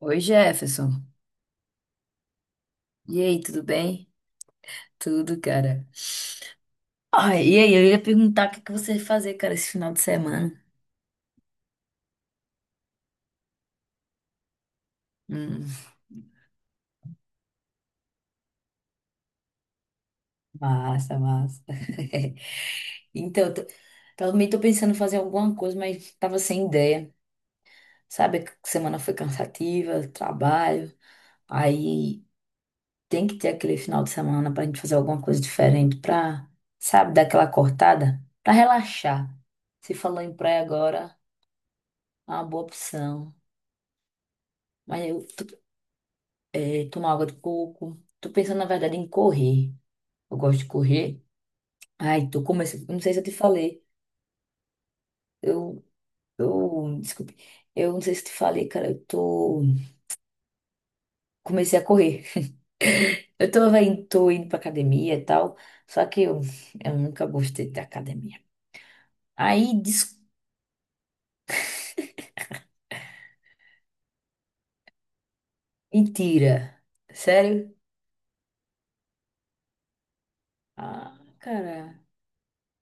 Oi, Jefferson. E aí, tudo bem? Tudo, cara. Ai, e aí, eu ia perguntar o que que você vai fazer, cara, esse final de semana. Hum, massa, massa. Então, também tô pensando em fazer alguma coisa, mas tava sem ideia. Sabe, que semana foi cansativa, trabalho. Aí tem que ter aquele final de semana pra gente fazer alguma coisa diferente pra, sabe, dar aquela cortada, pra relaxar. Você falou em praia agora, é uma boa opção. Mas eu tomar água de coco. Tô pensando, na verdade, em correr. Eu gosto de correr. Ai, tô começando. Não sei se eu te falei. Eu, desculpe. Eu não sei se eu te falei, cara. Eu tô. Comecei a correr. Tô indo pra academia e tal. Só que eu nunca gostei da academia. Aí, des... mentira. Sério? Ah, cara.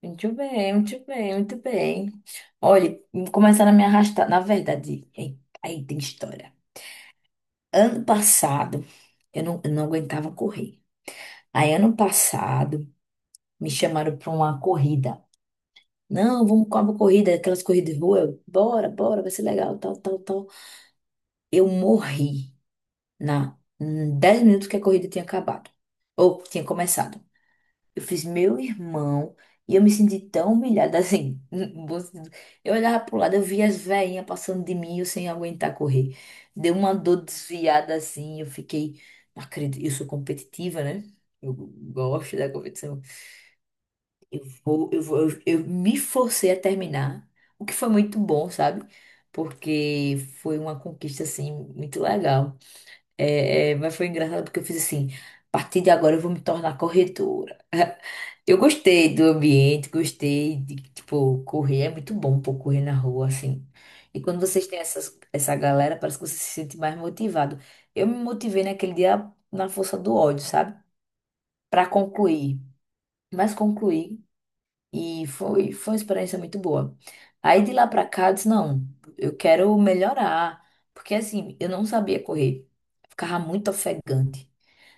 Muito bem, muito bem, muito bem. Olha, começaram a me arrastar. Na verdade, aí tem história. Ano passado, eu não aguentava correr. Aí, ano passado, me chamaram para uma corrida. Não, vamos com uma corrida, aquelas corridas de rua. Eu, bora, bora, vai ser legal, tal, tal, tal. Eu morri na em 10 minutos que a corrida tinha acabado. Ou tinha começado. Eu fiz meu irmão e eu me senti tão humilhada assim. No bom sentido. Eu olhava pro lado, eu via as veinhas passando de mim, e eu sem aguentar correr. Deu uma dor desviada assim, eu fiquei, não acredito, eu sou competitiva, né? Eu gosto da competição. Eu me forcei a terminar, o que foi muito bom, sabe? Porque foi uma conquista assim muito legal. Mas foi engraçado porque eu fiz assim, a partir de agora eu vou me tornar corredora. Eu gostei do ambiente, gostei de, tipo, correr. É muito bom, pô, correr na rua, assim. E quando vocês têm essa galera, parece que você se sente mais motivado. Eu me motivei naquele dia na força do ódio, sabe? Pra concluir. Mas concluí e foi uma experiência muito boa. Aí de lá pra cá, eu disse, não, eu quero melhorar. Porque, assim, eu não sabia correr. Ficava muito ofegante.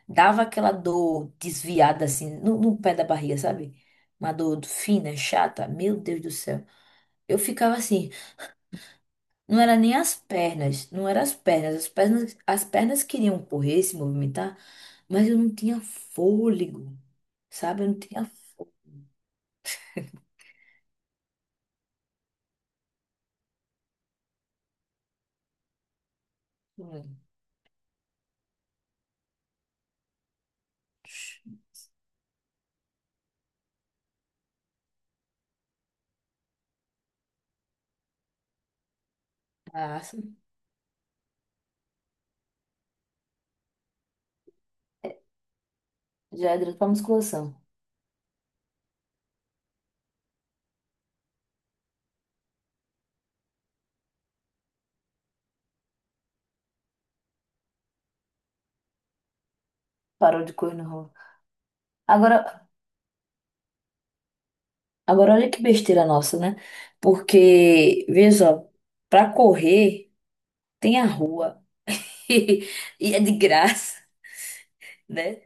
Dava aquela dor desviada assim no pé da barriga, sabe? Uma dor fina, chata. Meu Deus do céu. Eu ficava assim, não era nem as pernas, não era as pernas, as pernas queriam correr, se movimentar, mas eu não tinha fôlego, sabe? Eu não tinha fôlego. Nossa, já é direto pra musculação. Parou de correr no rolo. Agora, agora olha que besteira nossa, né? Porque, veja só, pra correr tem a rua. E é de graça, né?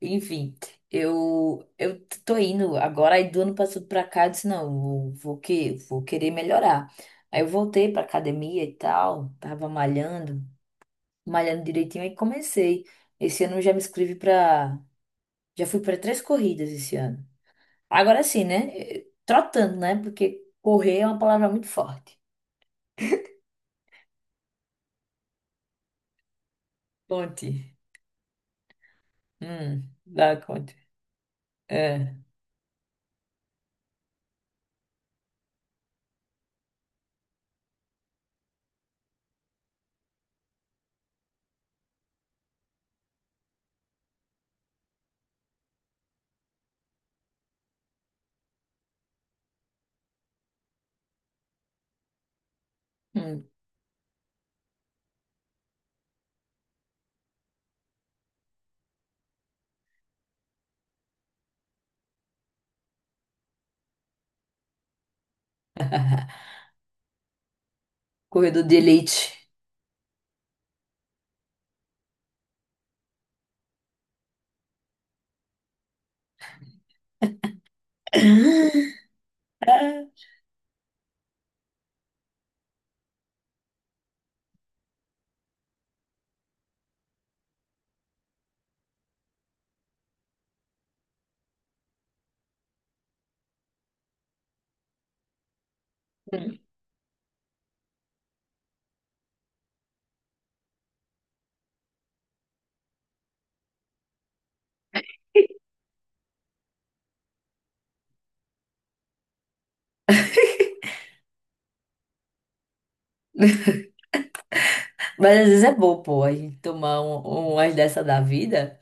Enfim, eu tô indo agora, aí do ano passado pra cá, eu disse, não, eu vou que vou querer melhorar. Aí eu voltei pra academia e tal, tava malhando, malhando direitinho, aí comecei. Esse ano eu já me inscrevi pra. Já fui pra três corridas esse ano. Agora sim, né? Trotando, né? Porque correr é uma palavra muito forte. Conte. Dá conte. É. Hum, Corredor de elite. Mas às vezes é bom, pô, a gente tomar umas dessa da vida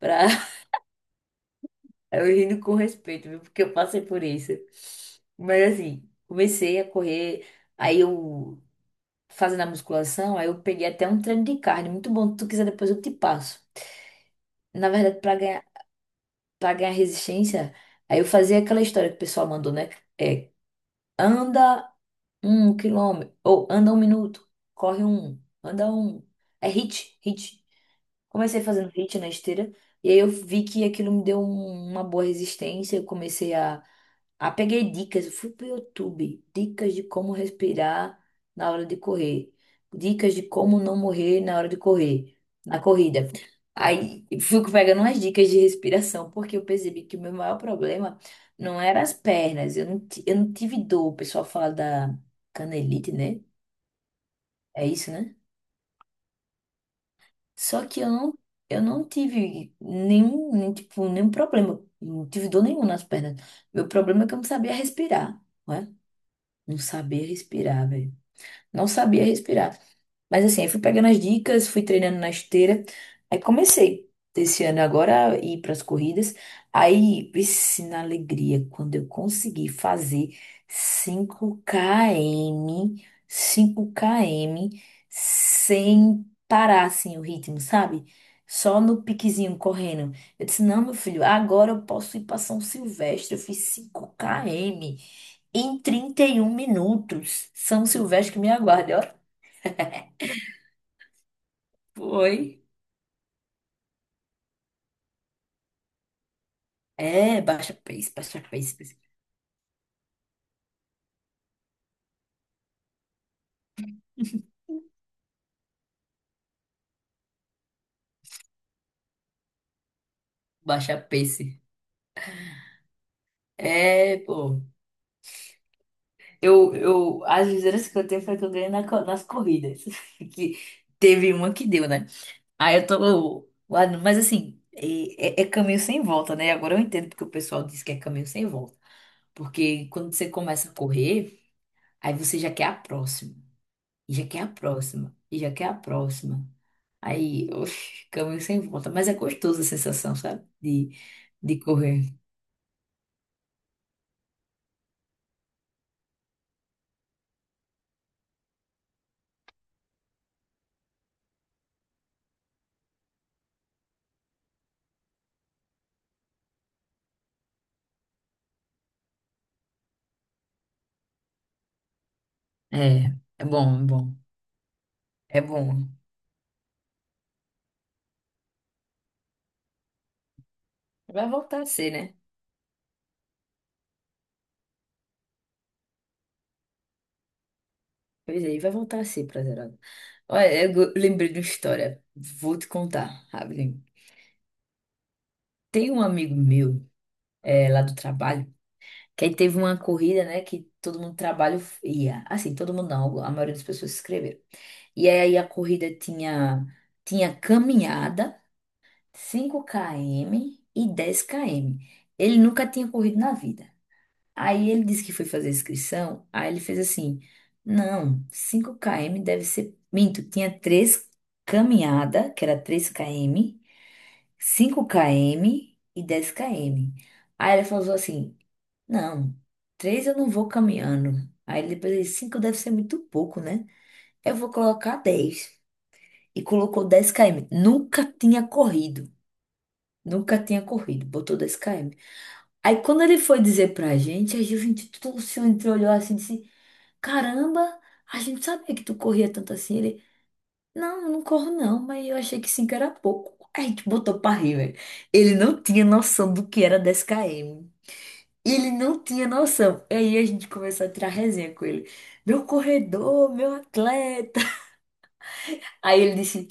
pra eu rindo com respeito, viu? Porque eu passei por isso. Mas assim, comecei a correr, aí eu fazendo a musculação, aí eu peguei até um treino de carne, muito bom. Se tu quiser, depois eu te passo. Na verdade, para ganhar resistência, aí eu fazia aquela história que o pessoal mandou, né? É, anda 1 quilômetro, ou anda 1 minuto, corre um, anda um. É hit. Comecei fazendo hit na esteira, e aí eu vi que aquilo me deu uma boa resistência. Eu comecei a peguei dicas, eu fui pro YouTube, dicas de como respirar na hora de correr, dicas de como não morrer na hora de correr, na corrida. Aí fui pegando umas dicas de respiração, porque eu percebi que o meu maior problema não era as pernas, eu não tive dor. O pessoal fala da canelite, né? É isso, né? Só que eu não tive nenhum, nem, tipo, nenhum problema. Não tive dor nenhuma nas pernas. Meu problema é que eu não sabia respirar, né? Não sabia respirar, velho. Não sabia respirar. Mas assim, aí fui pegando as dicas, fui treinando na esteira. Aí comecei desse ano agora a ir para as corridas. Aí, vixe, na alegria, quando eu consegui fazer 5 km, 5 km, sem parar assim o ritmo, sabe? Só no piquezinho correndo. Eu disse: não, meu filho, agora eu posso ir para São Silvestre. Eu fiz 5 km em 31 minutos. São Silvestre que me aguarde, ó. Foi. É, baixa pace, pace. Baixa pace. É, pô. As viseiras que eu tenho foi que eu ganhei nas corridas. Que teve uma que deu, né? Aí eu tô lá, mas assim, é caminho sem volta, né? Agora eu entendo porque o pessoal diz que é caminho sem volta. Porque quando você começa a correr, aí você já quer a próxima, e já quer a próxima, e já quer a próxima. Aí, oxe, caminho sem volta. Mas é gostoso a sensação, sabe? De correr. É, é bom, é bom. É bom. Vai voltar a ser, né? Pois aí, vai voltar a ser prazerado. Olha, lembrei de uma história. Vou te contar, rapidinho. Tem um amigo meu, é, lá do trabalho, que aí teve uma corrida, né? Que todo mundo do trabalho ia. Assim, todo mundo não, a maioria das pessoas se inscreveram. E aí a corrida tinha caminhada, 5 km e 10 km. Ele nunca tinha corrido na vida. Aí ele disse que foi fazer a inscrição, aí ele fez assim: não, 5 km deve ser. Minto, tinha três caminhada, que era 3 km, 5 km e 10 km. Aí ele falou assim: não, três eu não vou caminhando. Aí depois ele disse: 5 deve ser muito pouco, né? Eu vou colocar dez. E colocou 10 km. Nunca tinha corrido. Nunca tinha corrido, botou 10 km. Aí quando ele foi dizer pra gente, a Juventude tudo se entrou, olhou assim e disse: caramba, a gente sabia que tu corria tanto assim. Ele, não, eu não corro não, mas eu achei que 5 era pouco. A gente botou pra rir, velho. Ele não tinha noção do que era 10 km. Ele não tinha noção. E aí a gente começou a tirar resenha com ele. Meu corredor, meu atleta. Aí ele disse.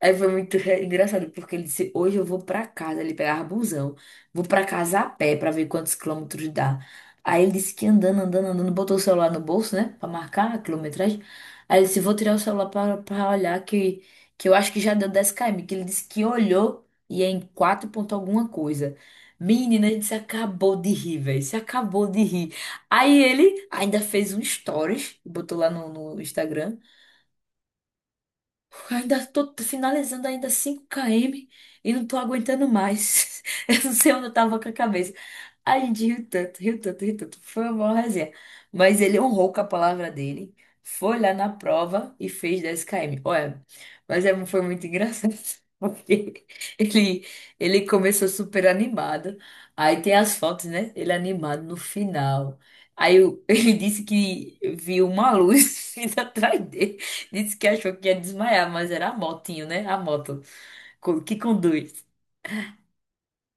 Aí foi muito engraçado, porque ele disse: hoje eu vou pra casa. Ele pegava busão, vou pra casa a pé pra ver quantos quilômetros dá. Aí ele disse que andando, andando, andando, botou o celular no bolso, né? Pra marcar a quilometragem. Aí ele disse: vou tirar o celular pra olhar, que eu acho que já deu 10 km. Que ele disse que olhou e é em 4 ponto alguma coisa. Menina, a gente se acabou de rir, velho. Se acabou de rir. Aí ele ainda fez um stories, botou lá no Instagram. Ainda tô finalizando ainda 5 km e não tô aguentando mais. Eu não sei onde eu tava com a cabeça. A gente riu tanto, riu tanto, riu tanto. Foi uma boa resenha. Mas ele honrou com a palavra dele. Foi lá na prova e fez 10 km. Olha, mas é, foi muito engraçado. Porque ele, ele começou super animado. Aí tem as fotos, né? Ele animado no final. Ele disse que viu uma luz vindo atrás dele. Disse que achou que ia desmaiar, mas era a motinho, né? A moto que conduz.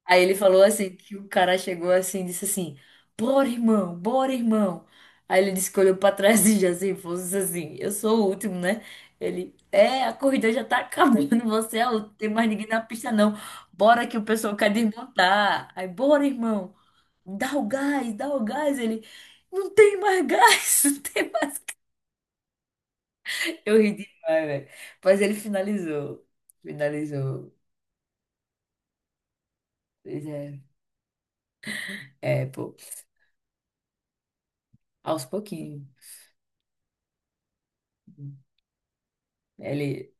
Aí ele falou assim, que o cara chegou assim, e disse assim, bora, irmão, bora, irmão. Aí ele disse que olhou pra trás e já se fosse assim, eu sou o último, né? Ele, é, a corrida já tá acabando, você é o último, tem mais ninguém na pista não. Bora que o pessoal quer desmontar. Aí, bora, irmão, dá o gás, dá o gás. Ele, não tem mais gás, não tem mais. Eu ri demais, velho. Mas ele finalizou. Finalizou. Pois é. É, pô. Aos pouquinhos. Ele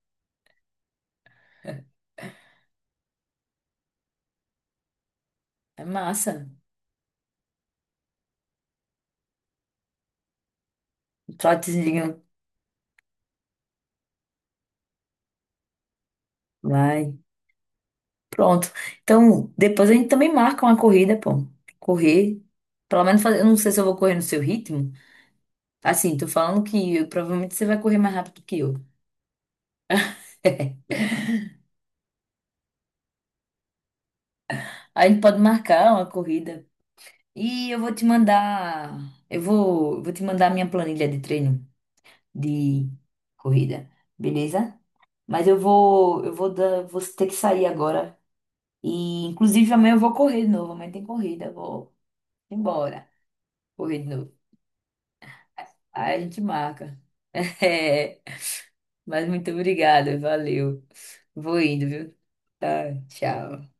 é massa. Trotezinho. Vai. Pronto. Então, depois a gente também marca uma corrida, pô. Correr. Pelo menos fazer. Eu não sei se eu vou correr no seu ritmo. Assim, tô falando que provavelmente você vai correr mais rápido que eu. A gente pode marcar uma corrida. E eu vou te mandar. Eu vou te mandar a minha planilha de treino de corrida, beleza? Mas vou ter que sair agora. E inclusive amanhã eu vou correr de novo, amanhã tem corrida, eu vou embora, correr de novo. Aí a gente marca. É, mas muito obrigada, valeu. Vou indo, viu? Tá, tchau.